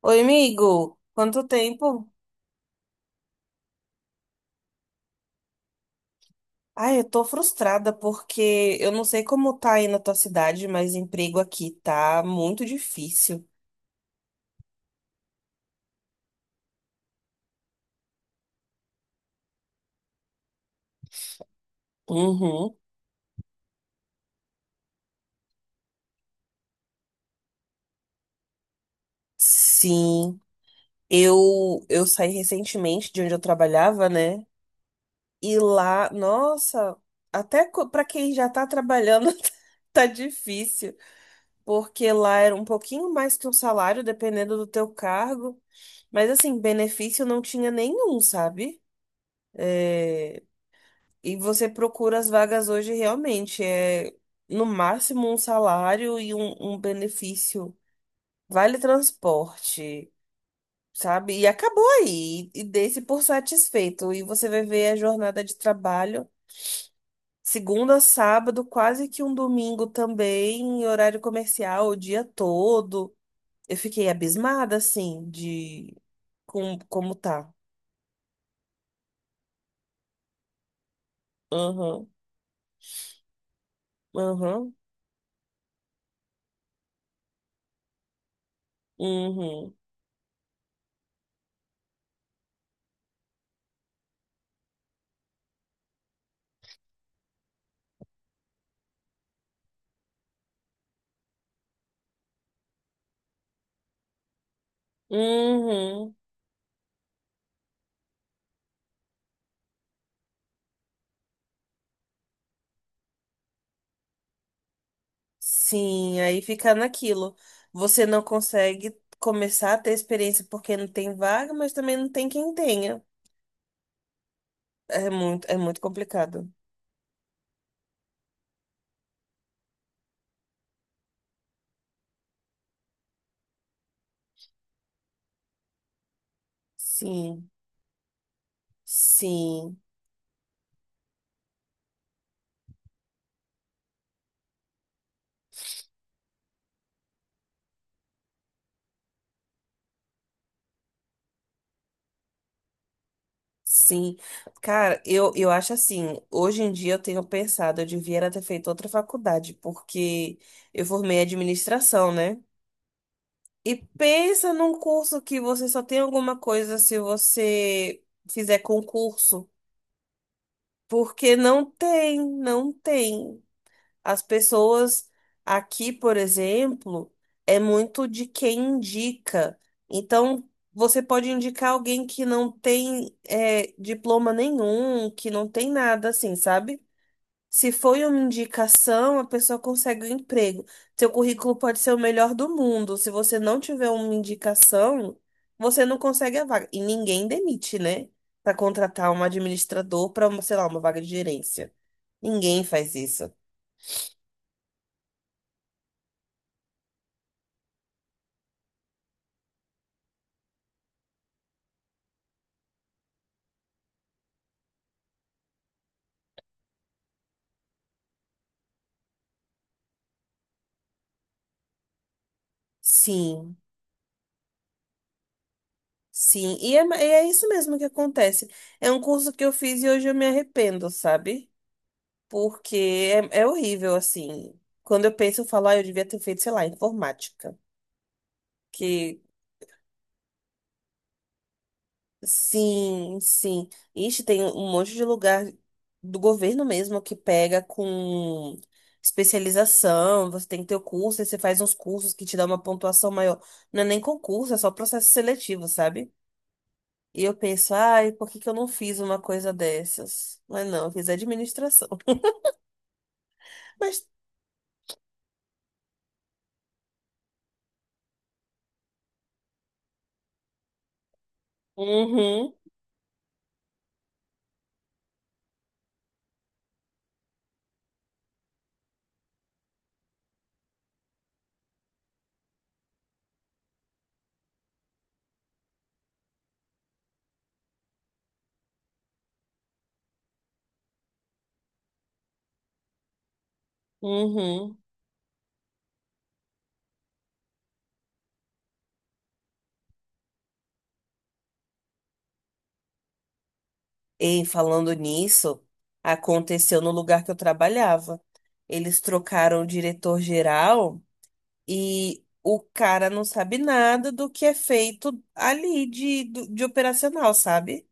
Oi, amigo. Quanto tempo? Ai, eu tô frustrada porque eu não sei como tá aí na tua cidade, mas emprego aqui tá muito difícil. Uhum. Sim. Eu saí recentemente de onde eu trabalhava, né? E lá, nossa, pra quem já tá trabalhando tá difícil, porque lá era um pouquinho mais que um salário dependendo do teu cargo, mas assim, benefício não tinha nenhum, sabe? É. E você procura as vagas hoje realmente, é no máximo um salário e um benefício. Vale transporte, sabe? E acabou aí. E dê-se por satisfeito. E você vai ver a jornada de trabalho, segunda a sábado, quase que um domingo também, em horário comercial, o dia todo. Eu fiquei abismada, assim, como tá. Aham, aham, uhum, uhum. Sim, aí fica naquilo. Você não consegue começar a ter experiência porque não tem vaga, mas também não tem quem tenha. É muito complicado. Sim, sim, sim. Cara, eu acho assim, hoje em dia eu tenho pensado, eu devia era ter feito outra faculdade, porque eu formei administração, né? E pensa num curso que você só tem alguma coisa se você fizer concurso. Porque não tem, não tem. As pessoas aqui, por exemplo, é muito de quem indica. Então, você pode indicar alguém que não tem diploma nenhum, que não tem nada assim, sabe? Se foi uma indicação, a pessoa consegue um emprego. Seu currículo pode ser o melhor do mundo. Se você não tiver uma indicação, você não consegue a vaga. E ninguém demite, né? Para contratar um administrador para, sei lá, uma vaga de gerência. Ninguém faz isso. Sim, sim. E é isso mesmo que acontece. É um curso que eu fiz e hoje eu me arrependo, sabe? Porque é horrível, assim. Quando eu penso, eu falo, ah, eu devia ter feito, sei lá, informática. Que sim, sim. Ixi, tem um monte de lugar do governo mesmo que pega com especialização. Você tem que ter o curso, aí você faz uns cursos que te dão uma pontuação maior. Não é nem concurso, é só processo seletivo, sabe? E eu penso, ai, por que que eu não fiz uma coisa dessas? Mas não, eu fiz administração. Mas, uhum, uhum. E falando nisso, aconteceu no lugar que eu trabalhava. Eles trocaram o diretor-geral e o cara não sabe nada do que é feito ali de operacional, sabe?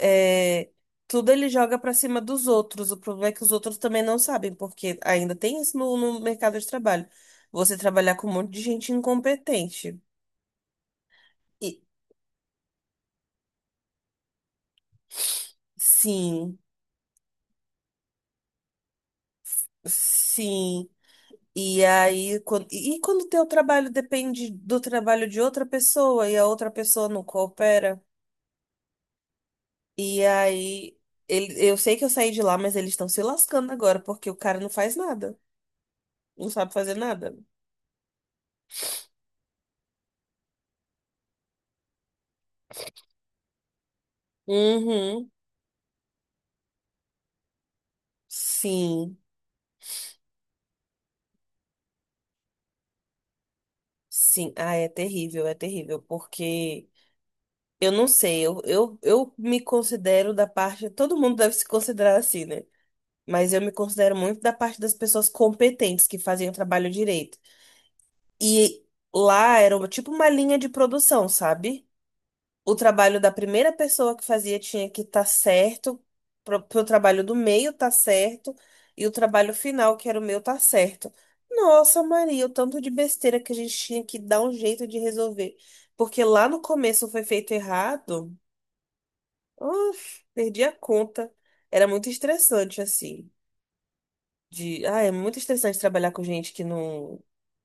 É, tudo ele joga pra cima dos outros. O problema é que os outros também não sabem, porque ainda tem isso no mercado de trabalho. Você trabalhar com um monte de gente incompetente. E- sim, sim. E aí, quando o teu trabalho depende do trabalho de outra pessoa e a outra pessoa não coopera? E aí, eu sei que eu saí de lá, mas eles estão se lascando agora, porque o cara não faz nada. Não sabe fazer nada. Uhum. Sim. Sim, ah, é terrível, porque eu não sei, eu me considero da parte, todo mundo deve se considerar assim, né? Mas eu me considero muito da parte das pessoas competentes que fazem o trabalho direito. E lá era tipo uma linha de produção, sabe? O trabalho da primeira pessoa que fazia tinha que estar certo, pro trabalho do meio tá certo, e o trabalho final, que era o meu, tá certo. Nossa, Maria, o tanto de besteira que a gente tinha que dar um jeito de resolver. Porque lá no começo foi feito errado, uf, perdi a conta. Era muito estressante, assim. De... Ah, é muito estressante trabalhar com gente que não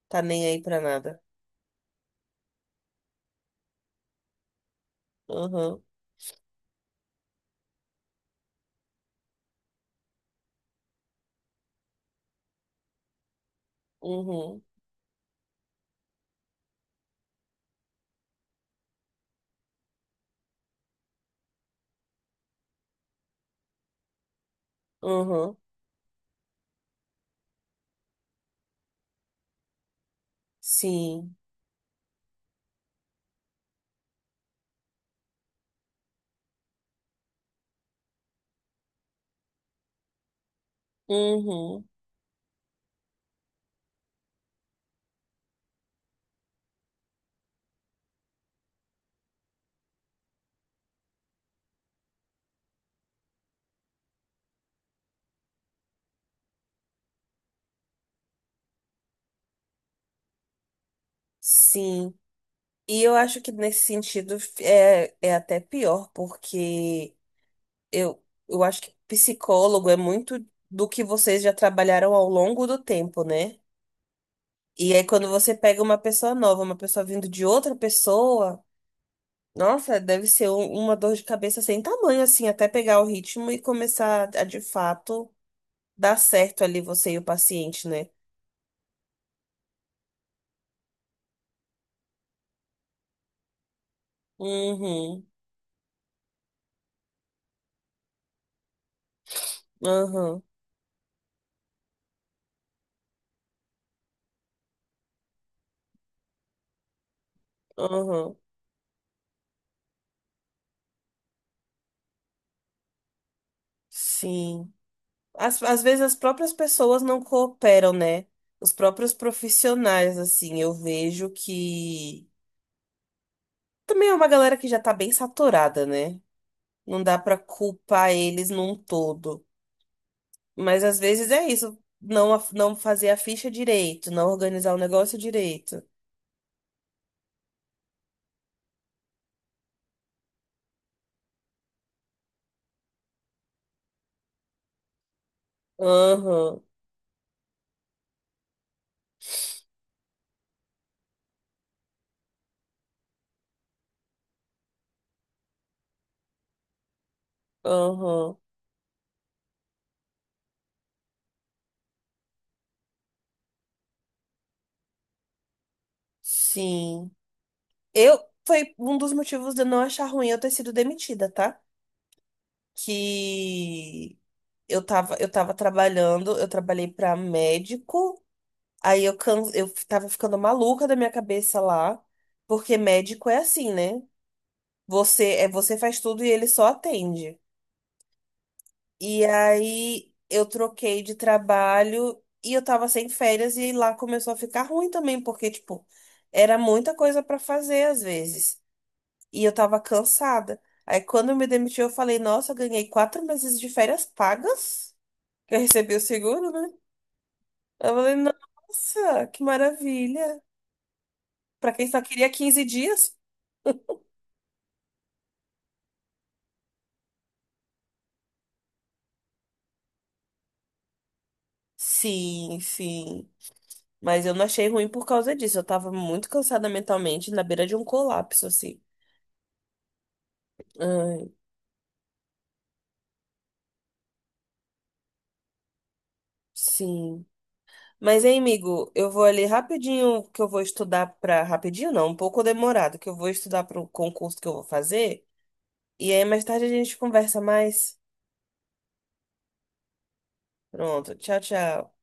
tá nem aí pra nada. Uhum, uhum, uhum, sim, uhum. Sim. E eu acho que nesse sentido é até pior, porque eu acho que psicólogo é muito do que vocês já trabalharam ao longo do tempo, né? E aí quando você pega uma pessoa nova, uma pessoa vindo de outra pessoa, nossa, deve ser uma dor de cabeça sem tamanho, assim, até pegar o ritmo e começar a de fato dar certo ali você e o paciente, né? Uhum, uhum, uhum. Sim. As, às vezes as próprias pessoas não cooperam, né? Os próprios profissionais, assim, eu vejo que também é uma galera que já tá bem saturada, né? Não dá pra culpar eles num todo. Mas às vezes é isso, não, não fazer a ficha direito, não organizar o negócio direito. Aham, aham, sim. Eu, foi um dos motivos de eu não achar ruim eu ter sido demitida, tá? Que eu tava, eu trabalhei pra médico, aí eu, eu tava ficando maluca da minha cabeça lá, porque médico é assim, né? Você faz tudo e ele só atende. E aí eu troquei de trabalho e eu tava sem férias e lá começou a ficar ruim também, porque tipo, era muita coisa pra fazer às vezes. E eu tava cansada. Aí quando eu me demiti, eu falei, nossa, eu ganhei 4 meses de férias pagas, que eu recebi o seguro, né? Eu falei, nossa, que maravilha. Pra quem só queria 15 dias? Sim, sim. Mas eu não achei ruim por causa disso. Eu tava muito cansada mentalmente, na beira de um colapso, assim. Ai, sim. Mas, hein, amigo, eu vou ali rapidinho, que eu vou estudar pra... Rapidinho não, um pouco demorado, que eu vou estudar pro concurso que eu vou fazer. E aí, mais tarde a gente conversa mais. Pronto, tchau, tchau.